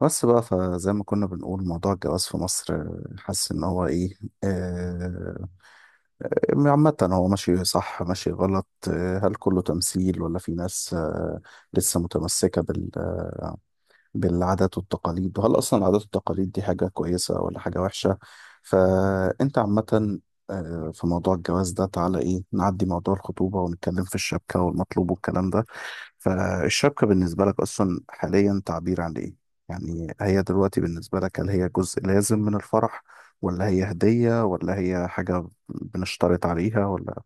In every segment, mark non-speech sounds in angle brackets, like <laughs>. بس بقى فزي ما كنا بنقول موضوع الجواز في مصر، حاسس ان هو ايه. آه، عامة هو ماشي صح ماشي غلط، هل كله تمثيل ولا في ناس لسه متمسكة بالعادات والتقاليد؟ وهل أصلا العادات والتقاليد دي حاجة كويسة ولا حاجة وحشة؟ فأنت عامة في موضوع الجواز ده، تعالى ايه نعدي موضوع الخطوبة ونتكلم في الشبكة والمطلوب والكلام ده. فالشبكة بالنسبة لك أصلا حاليا تعبير عن إيه؟ يعني هي دلوقتي بالنسبة لك، هل هي جزء لازم من الفرح، ولا هي هدية، ولا هي حاجة بنشترط عليها ولا؟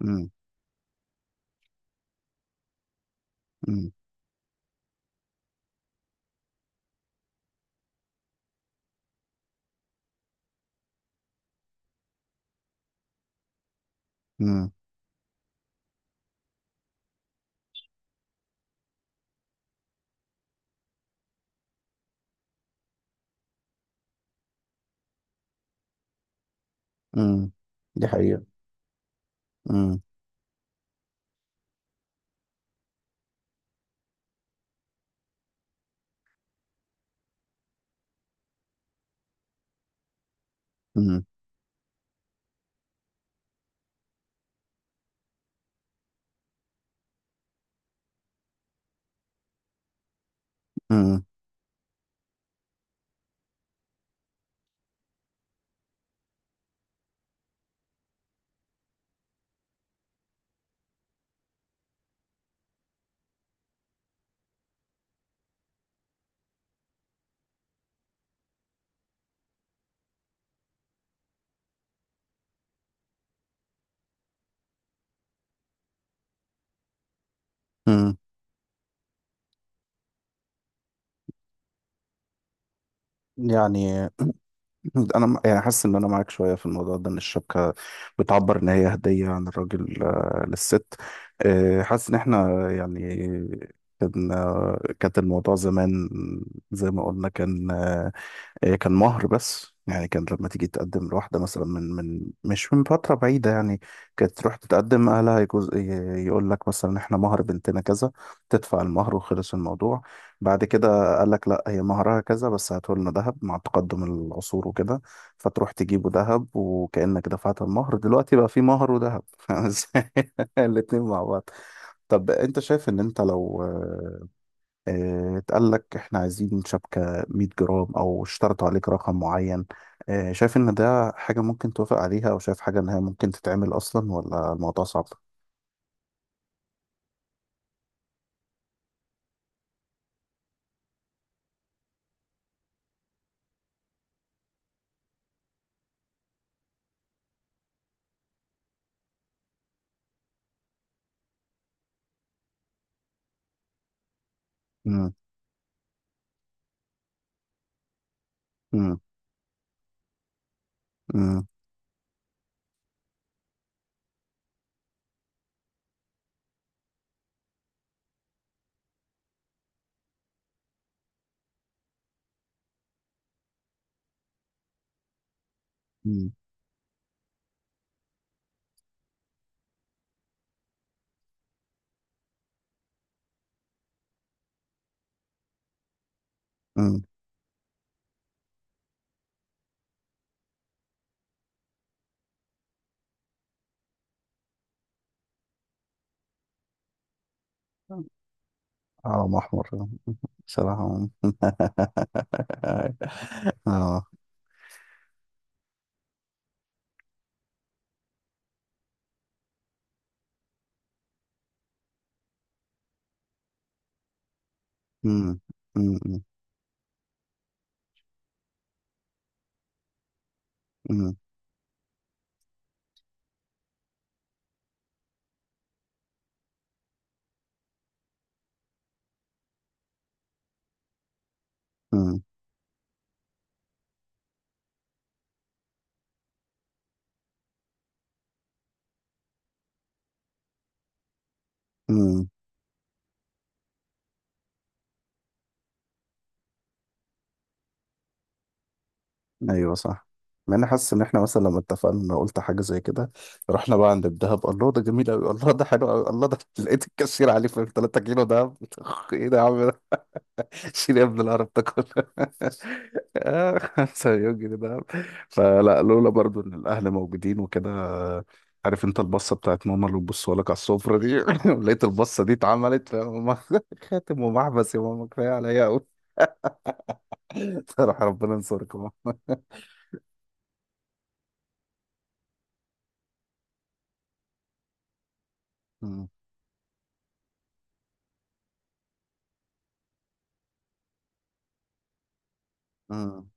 مم. مم. مم. مم. دي حقيقة. مم. مم. مم. مم. يعني <laughs> انا يعني حاسس ان انا معاك شويه في الموضوع ده، ان الشبكه بتعبر ان هي هديه عن الراجل للست. حاسس ان احنا يعني كانت الموضوع زمان، زي ما قلنا، كان آه، إيه، كان مهر. بس يعني كان لما تيجي تقدم لواحدة مثلا، من من مش من فترة بعيدة يعني، كانت تروح تتقدم أهلها يجوز، يقول لك مثلا إحنا مهر بنتنا كذا، تدفع المهر وخلص الموضوع. بعد كده قال لك لا، هي مهرها كذا بس هاته لنا ذهب، مع تقدم العصور وكده. فتروح تجيبه ذهب وكأنك دفعت المهر. دلوقتي بقى في مهر وذهب <laughs> فاهم إزاي؟ الاتنين مع بعض. طب أنت شايف إن أنت لو اتقال لك احنا عايزين شبكة 100 جرام او اشترطوا عليك رقم معين، شايف ان ده حاجة ممكن توافق عليها، او شايف حاجة ان هي ممكن تتعمل اصلا ولا الموضوع صعب؟ امم. امم. امم. امم. اه محمر. بصراحة <laughs> اه. امم. امم. امم. امم. ايوه صح. مع اني حاسس ان احنا مثلا لما اتفقنا قلت حاجه زي كده، رحنا بقى عند الدهب، الله ده جميل قوي، الله ده حلو قوي، الله ده <laughs> لقيت الكاشير عليه في 3 كيلو دهب <laughs> ايه ده يا عم ده؟ شيل يا ابن القرف ده كله <laughs> 5 مليون جنيه دهب. فلا، لولا برضو ان الاهل موجودين وكده، عارف انت البصه بتاعت ماما اللي بتبصوا لك على السفره دي <laughs> لقيت البصه دي اتعملت فماما <laughs> خاتم ومحبس يا ماما كفايه عليا قوي <laughs> صراحه ربنا ينصرك يا ماما. مم.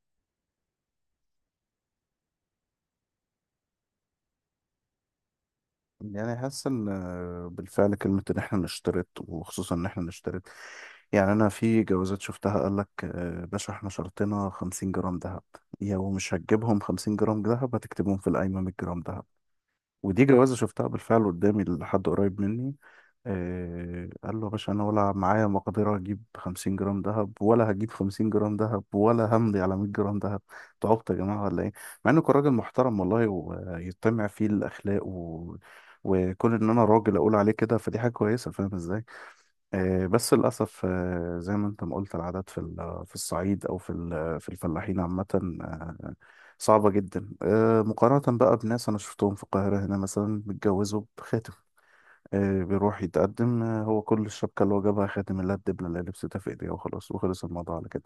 يعني حاسس ان بالفعل كلمة ان احنا نشترط، وخصوصا ان احنا نشترط، يعني انا في جوازات شفتها، قال لك باشا احنا شرطنا 50 جرام ذهب، يا ومش هتجيبهم 50 جرام ذهب، هتكتبهم في القايمة 100 جرام ذهب. ودي جوازة شفتها بالفعل قدامي لحد قريب مني. قال له يا باشا أنا ولا معايا مقدرة أجيب 50 جرام دهب، ولا هجيب 50 جرام دهب، ولا همضي على 100 جرام دهب. أنتوا عبط يا جماعة ولا إيه؟ مع إنه كان راجل محترم والله ويتمع فيه الأخلاق وكون إن أنا راجل أقول عليه كده، فدي حاجة كويسة، فاهم إزاي؟ بس للأسف زي ما أنت ما قلت، العادات في الصعيد أو في الفلاحين عامة آه، صعبة جدا، مقارنة بقى بناس أنا شفتهم في القاهرة هنا مثلا متجوزوا بخاتم. بيروح يتقدم هو كل الشبكة اللي هو جابها خاتم الله، الدبلة اللي لبستها في ايديها، وخلاص وخلص الموضوع على كده.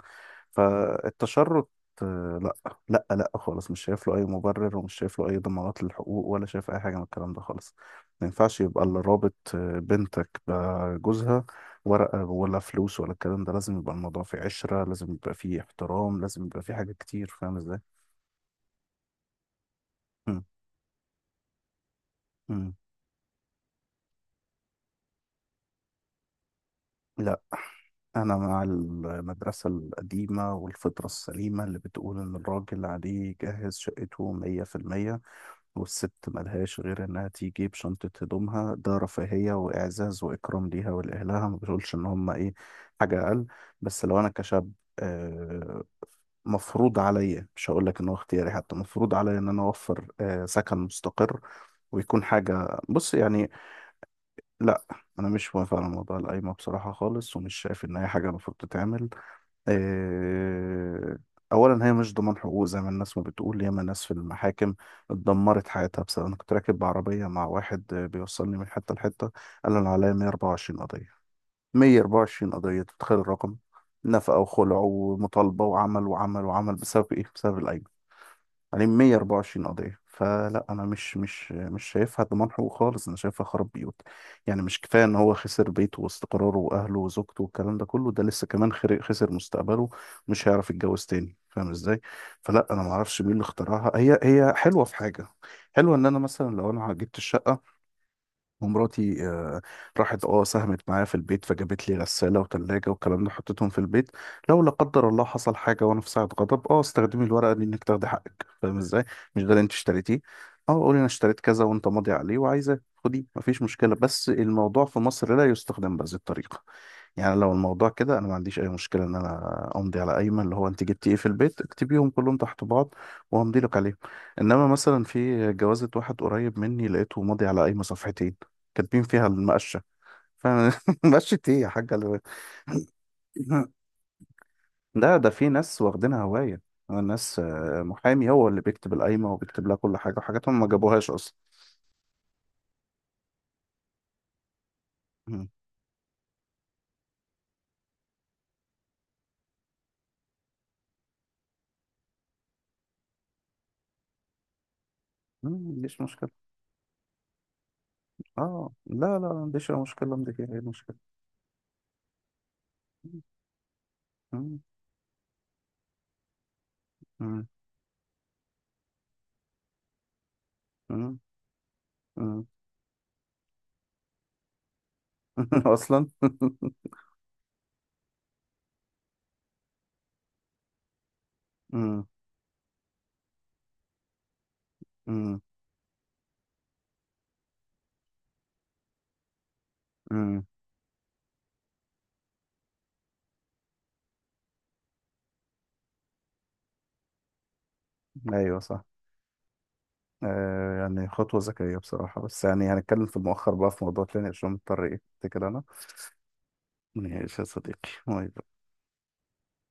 فالتشرط لا لا لا خالص، مش شايف له اي مبرر، ومش شايف له اي ضمانات للحقوق، ولا شايف اي حاجة من الكلام ده خالص. ما ينفعش يبقى اللي رابط بنتك بجوزها ورقة ولا فلوس ولا الكلام ده. لازم يبقى الموضوع فيه عشرة، لازم يبقى فيه احترام، لازم يبقى فيه حاجات كتير، فاهم ازاي؟ مم. مم. لا، أنا مع المدرسة القديمة والفطرة السليمة اللي بتقول إن الراجل عليه يجهز شقته 100%، والست ملهاش غير إنها تيجي بشنطة هدومها، ده رفاهية وإعزاز وإكرام ليها ولأهلها، ما بقولش إن هما إيه حاجة أقل. بس لو أنا كشاب، آه، مفروض عليا، مش هقول لك إن هو اختياري، حتى مفروض عليا إن أنا أوفر سكن مستقر، ويكون حاجة بص يعني. لا، أنا مش موافق على موضوع القايمة بصراحة خالص، ومش شايف إن هي حاجة المفروض تتعمل. آه، اولا هي مش ضمان حقوق، زي ما الناس ما بتقول. ياما ناس في المحاكم اتدمرت حياتها بسبب، انا كنت راكب بعربيه مع واحد بيوصلني من حته لحته، قال انا عليا 124 قضيه. 124 قضيه، تتخيل الرقم؟ نفقه وخلع ومطالبه وعمل وعمل وعمل، بسبب ايه؟ بسبب الايام، عليهم 124 قضية. فلا، أنا مش شايفها ضمان حقوق خالص، أنا شايفها خراب بيوت. يعني مش كفاية إن هو خسر بيته واستقراره وأهله وزوجته والكلام ده كله، ده لسه كمان خسر مستقبله، مش هيعرف يتجوز تاني، فاهم إزاي؟ فلا، أنا معرفش مين اللي اخترعها. هي حلوة في حاجة، حلوة إن أنا مثلا لو أنا جبت الشقة ومراتي راحت ساهمت معايا في البيت، فجابت لي غسالة وتلاجة والكلام ده، حطيتهم في البيت، لو لا قدر الله حصل حاجة وانا في ساعة غضب، استخدمي الورقة دي انك تاخدي حقك، فاهم ازاي؟ مش ده اللي انت اشتريتيه؟ اه قولي انا اشتريت كذا وانت ماضي عليه وعايزة خديه، مفيش مشكلة. بس الموضوع في مصر لا يستخدم بهذه الطريقة. يعني لو الموضوع كده، انا ما عنديش اي مشكله ان انا امضي على قايمه اللي هو انت جبتي ايه في البيت، اكتبيهم كلهم تحت بعض وهمضي لك عليهم. انما مثلا في جوازه واحد قريب مني لقيته ماضي على قايمه صفحتين كاتبين فيها المقشه. فانا <laughs> مقشه ايه يا حاجه اللي. ده <laughs> ده في ناس واخدينها هوايه، ناس محامي هو اللي بيكتب القايمه وبيكتب لها كل حاجه، وحاجاتهم ما جابوهاش اصلا. مم. مم، مفيش مشكله. اه لا لا، ما عنديش اي مشكله، ما عنديش اي مشكله. مم. مم. مم. مم. <laughs> اصلا <laughs> امم. امم. امم. ايوه صح. يعني خطوه ذكيه بصراحه، بس يعني هنتكلم في المؤخر بقى في موضوع تاني، عشان مضطر ايه كده انا. ماشي يا صديقي، باي باي.